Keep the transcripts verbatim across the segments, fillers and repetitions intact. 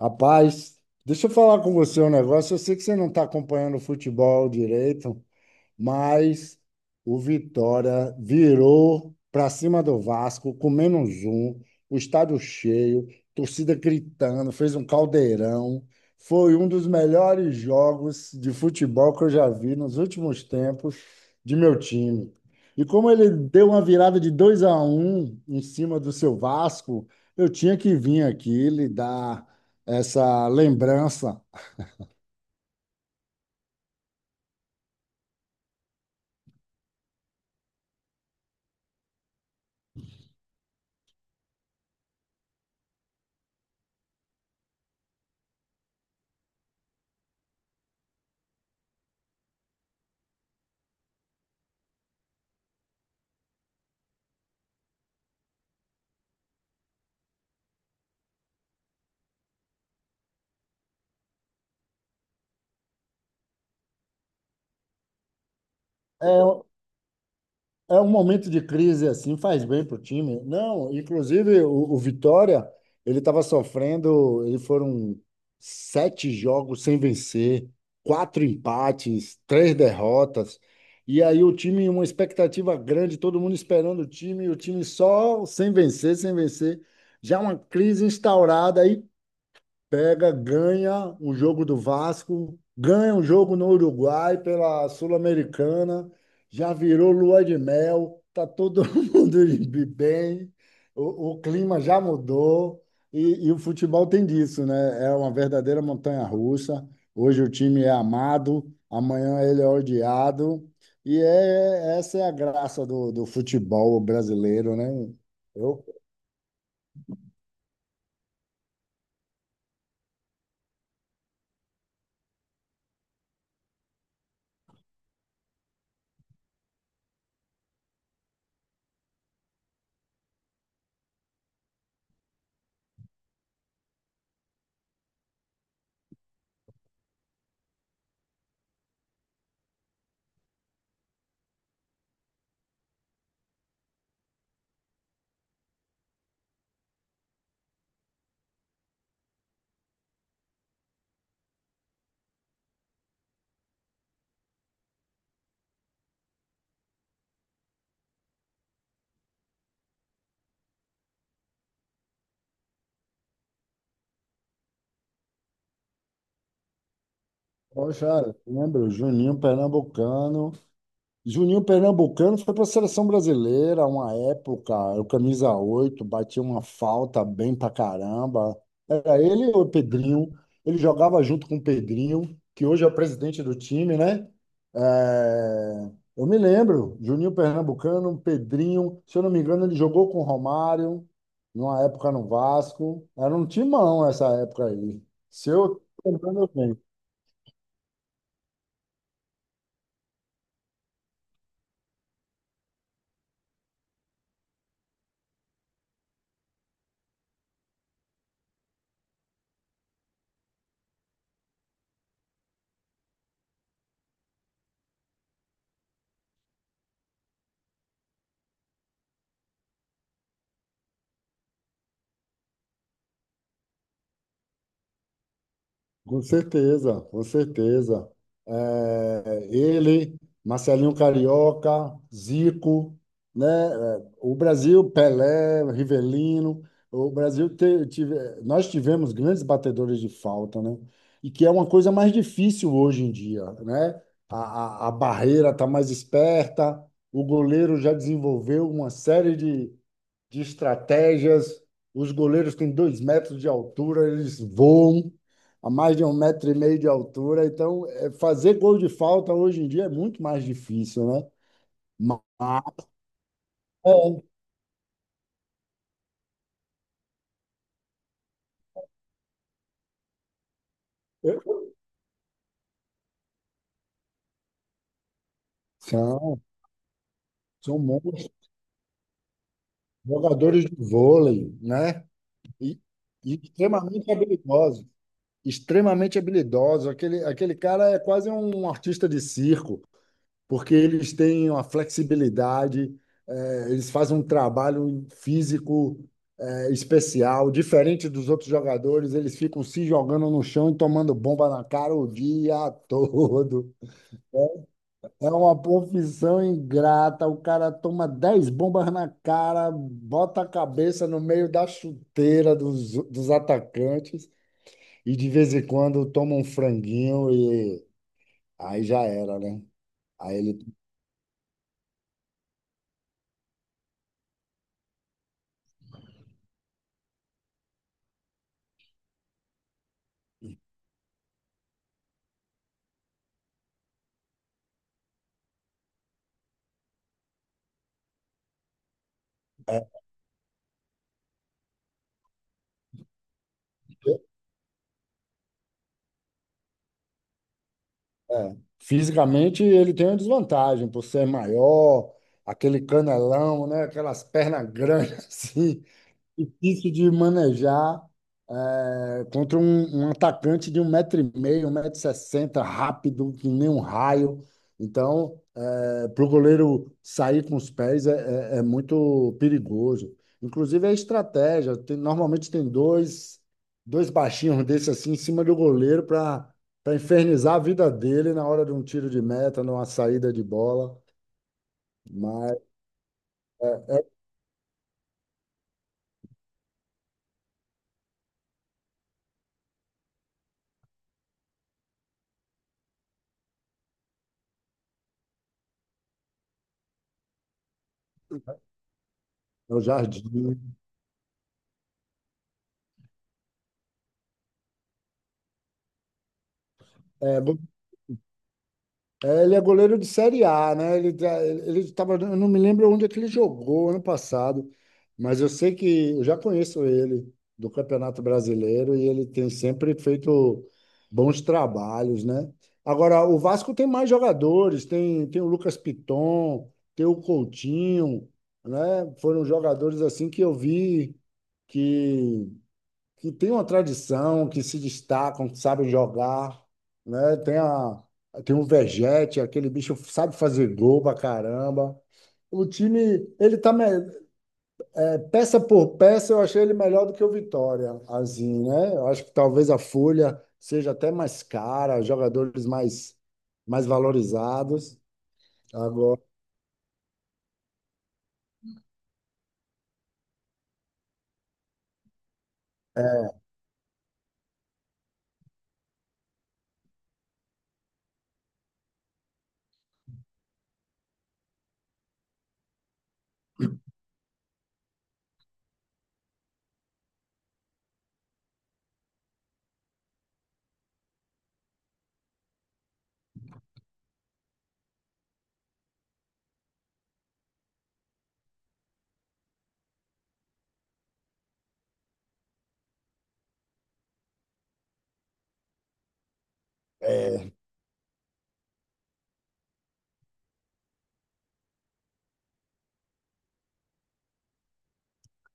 Rapaz, deixa eu falar com você um negócio. Eu sei que você não está acompanhando o futebol direito, mas o Vitória virou para cima do Vasco com menos um, o estádio cheio, torcida gritando, fez um caldeirão. Foi um dos melhores jogos de futebol que eu já vi nos últimos tempos de meu time. E como ele deu uma virada de dois a um em cima do seu Vasco, eu tinha que vir aqui lhe dar essa lembrança. É É um momento de crise assim, faz bem para o time. Não, inclusive o, o Vitória, ele estava sofrendo, ele foram sete jogos sem vencer, quatro empates, três derrotas. E aí o time, uma expectativa grande, todo mundo esperando o time, e o time só sem vencer, sem vencer. Já uma crise instaurada. Aí pega, ganha um jogo do Vasco, ganha um jogo no Uruguai pela Sul-Americana, já virou lua de mel, tá todo mundo de bem, o, o clima já mudou e, e o futebol tem disso, né? É uma verdadeira montanha-russa. Hoje o time é amado, amanhã ele é odiado. E é, é, essa é a graça do, do futebol brasileiro, né? Eu, Poxa, lembro, Juninho Pernambucano. Juninho Pernambucano foi para a seleção brasileira uma época, o camisa oito, batia uma falta bem pra caramba. Era ele ou o Pedrinho? Ele jogava junto com o Pedrinho, que hoje é o presidente do time, né? É, Eu me lembro, Juninho Pernambucano, Pedrinho, se eu não me engano, ele jogou com o Romário, numa época no Vasco. Era um timão essa época aí. Se eu tô lembrando bem. Com certeza, com certeza. É, ele, Marcelinho Carioca, Zico, né? É, o Brasil, Pelé, Rivelino. O Brasil te- tive, Nós tivemos grandes batedores de falta, né? E que é uma coisa mais difícil hoje em dia, né? A, a, a barreira está mais esperta, o goleiro já desenvolveu uma série de de estratégias. Os goleiros têm dois metros de altura, eles voam a mais de um metro e meio de altura. Então, é, fazer gol de falta hoje em dia é muito mais difícil, né? Mas é, eu- são, são bons jogadores de vôlei, né? E, e extremamente habilidosos. Extremamente habilidosos. Aquele, aquele cara é quase um artista de circo, porque eles têm uma flexibilidade. Eh, eles fazem um trabalho físico especial, diferente dos outros jogadores, eles ficam se jogando no chão e tomando bomba na cara o dia todo. É é uma profissão ingrata. O cara toma dez bombas na cara, bota a cabeça no meio da chuteira dos, dos atacantes e de vez em quando toma um franguinho e aí já era, né? Aí ele é, É. Fisicamente ele tem uma desvantagem por ser maior, aquele canelão, né? Aquelas pernas grandes assim, difícil de manejar, é, contra um, um atacante de um metro e meio, um metro e sessenta, rápido que nem um raio. Então, para o goleiro sair com os pés é, é, é muito perigoso. Inclusive é estratégia. Tem- normalmente tem dois, dois baixinhos desse assim em cima do goleiro para para infernizar a vida dele na hora de um tiro de meta, numa saída de bola. Mas é o Jardim. É, Ele é goleiro de Série A, né? Ele, tá- ele tava, eu não me lembro onde é que ele jogou ano passado, mas eu sei que eu já conheço ele do Campeonato Brasileiro e ele tem sempre feito bons trabalhos, né? Agora, o Vasco tem mais jogadores, tem, tem o Lucas Piton, tem o Coutinho, né? Foram jogadores assim que eu vi que que tem uma tradição, que se destacam, que sabem jogar, né? Tem a, tem o Vegete, aquele bicho sabe fazer gol pra caramba. O time, ele tá me- Peça por peça, eu achei ele melhor do que o Vitória, assim, né? Eu acho que talvez a folha seja até mais cara, jogadores mais mais valorizados. Agora,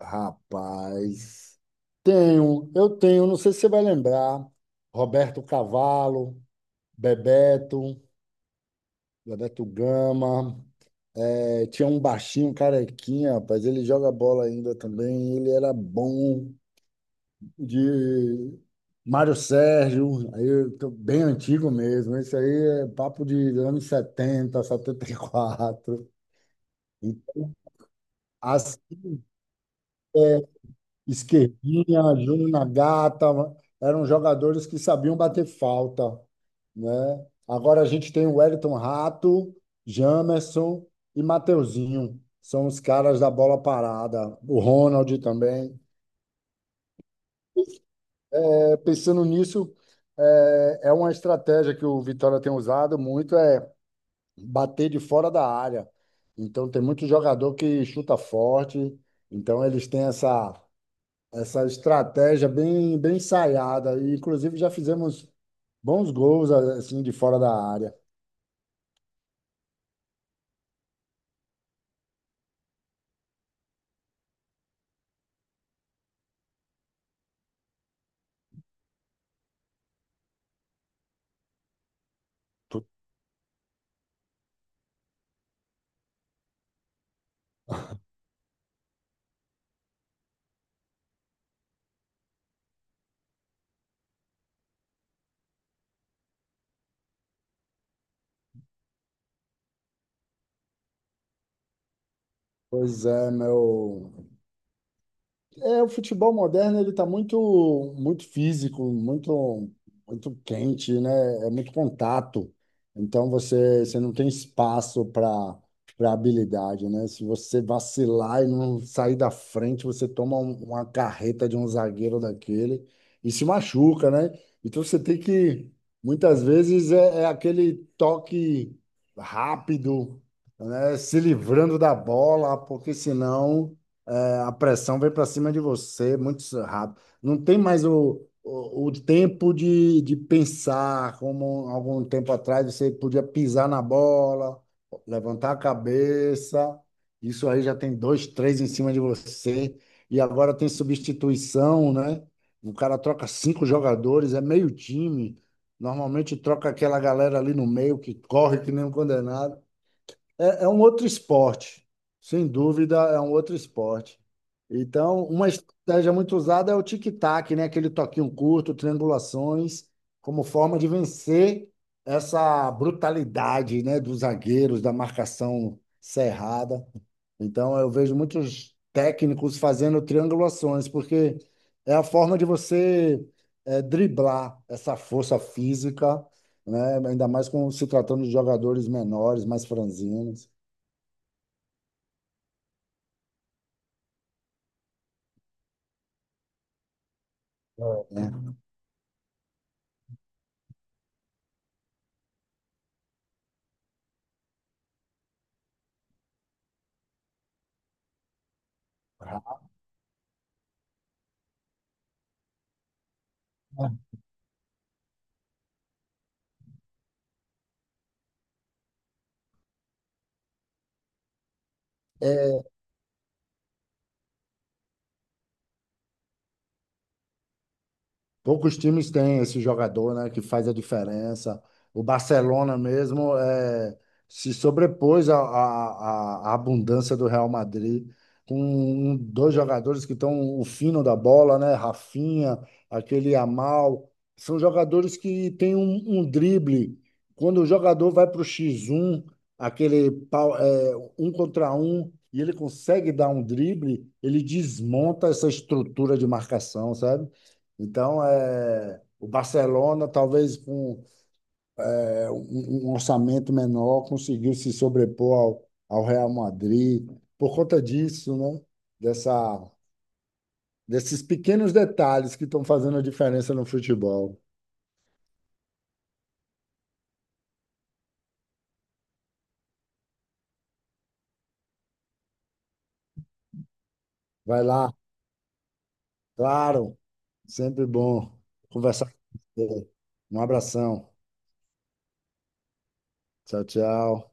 rapaz, tenho, eu tenho, não sei se você vai lembrar, Roberto Cavalo, Bebeto, Bebeto Gama, é, tinha um baixinho, um carequinha, rapaz, ele joga bola ainda também, ele era bom de Mário Sérgio. Aí eu tô bem antigo mesmo, isso aí é papo de anos setenta, setenta e quatro. E quatro. E as Esquerdinha, Júnior Nagata, eram jogadores que sabiam bater falta, né? Agora a gente tem o Wellington Rato, Jamerson e Mateuzinho. São os caras da bola parada. O Ronald também. É, pensando nisso, é, é uma estratégia que o Vitória tem usado muito, é bater de fora da área. Então tem muito jogador que chuta forte. Então eles têm essa Essa estratégia bem, bem ensaiada. E, inclusive, já fizemos bons gols assim de fora da área. Pois é, meu. É, o futebol moderno ele está muito muito físico, muito muito quente, né? É muito contato. Então você você não tem espaço para para habilidade, né? Se você vacilar e não sair da frente, você toma um- uma carreta de um zagueiro daquele e se machuca, né? Então você tem que, muitas vezes, é, é aquele toque rápido, é, se livrando da bola, porque senão, é, a pressão vem para cima de você muito rápido. Não tem mais o, o, o tempo de, de pensar, como algum tempo atrás você podia pisar na bola, levantar a cabeça. Isso aí já tem dois, três em cima de você. E agora tem substituição, né? O cara troca cinco jogadores, é meio time. Normalmente troca aquela galera ali no meio que corre que nem um condenado. É, é um outro esporte, sem dúvida, é um outro esporte. Então, uma estratégia muito usada é o tic-tac, né? Aquele toquinho curto, triangulações, como forma de vencer essa brutalidade, né? Dos zagueiros, da marcação cerrada. Então, eu vejo muitos técnicos fazendo triangulações, porque é a forma de você, eh, driblar essa força física, né? Ainda mais com se tratando de jogadores menores, mais franzinos. É. Né? Poucos times têm esse jogador, né, que faz a diferença. O Barcelona mesmo, é, se sobrepôs à, à, à- à abundância do Real Madrid, com um- dois jogadores que estão o fino da bola, né, Rafinha, aquele Yamal. São jogadores que têm um, um drible. Quando o jogador vai para o X um, aquele pau- é, um contra um, e ele consegue dar um drible, ele desmonta essa estrutura de marcação, sabe? Então, é, o Barcelona, talvez com é, um, um orçamento menor, conseguiu se sobrepor ao, ao Real Madrid por conta disso, né? Dessa, desses pequenos detalhes que estão fazendo a diferença no futebol. Vai lá, claro, sempre bom conversar com você. Um abração. Tchau, tchau.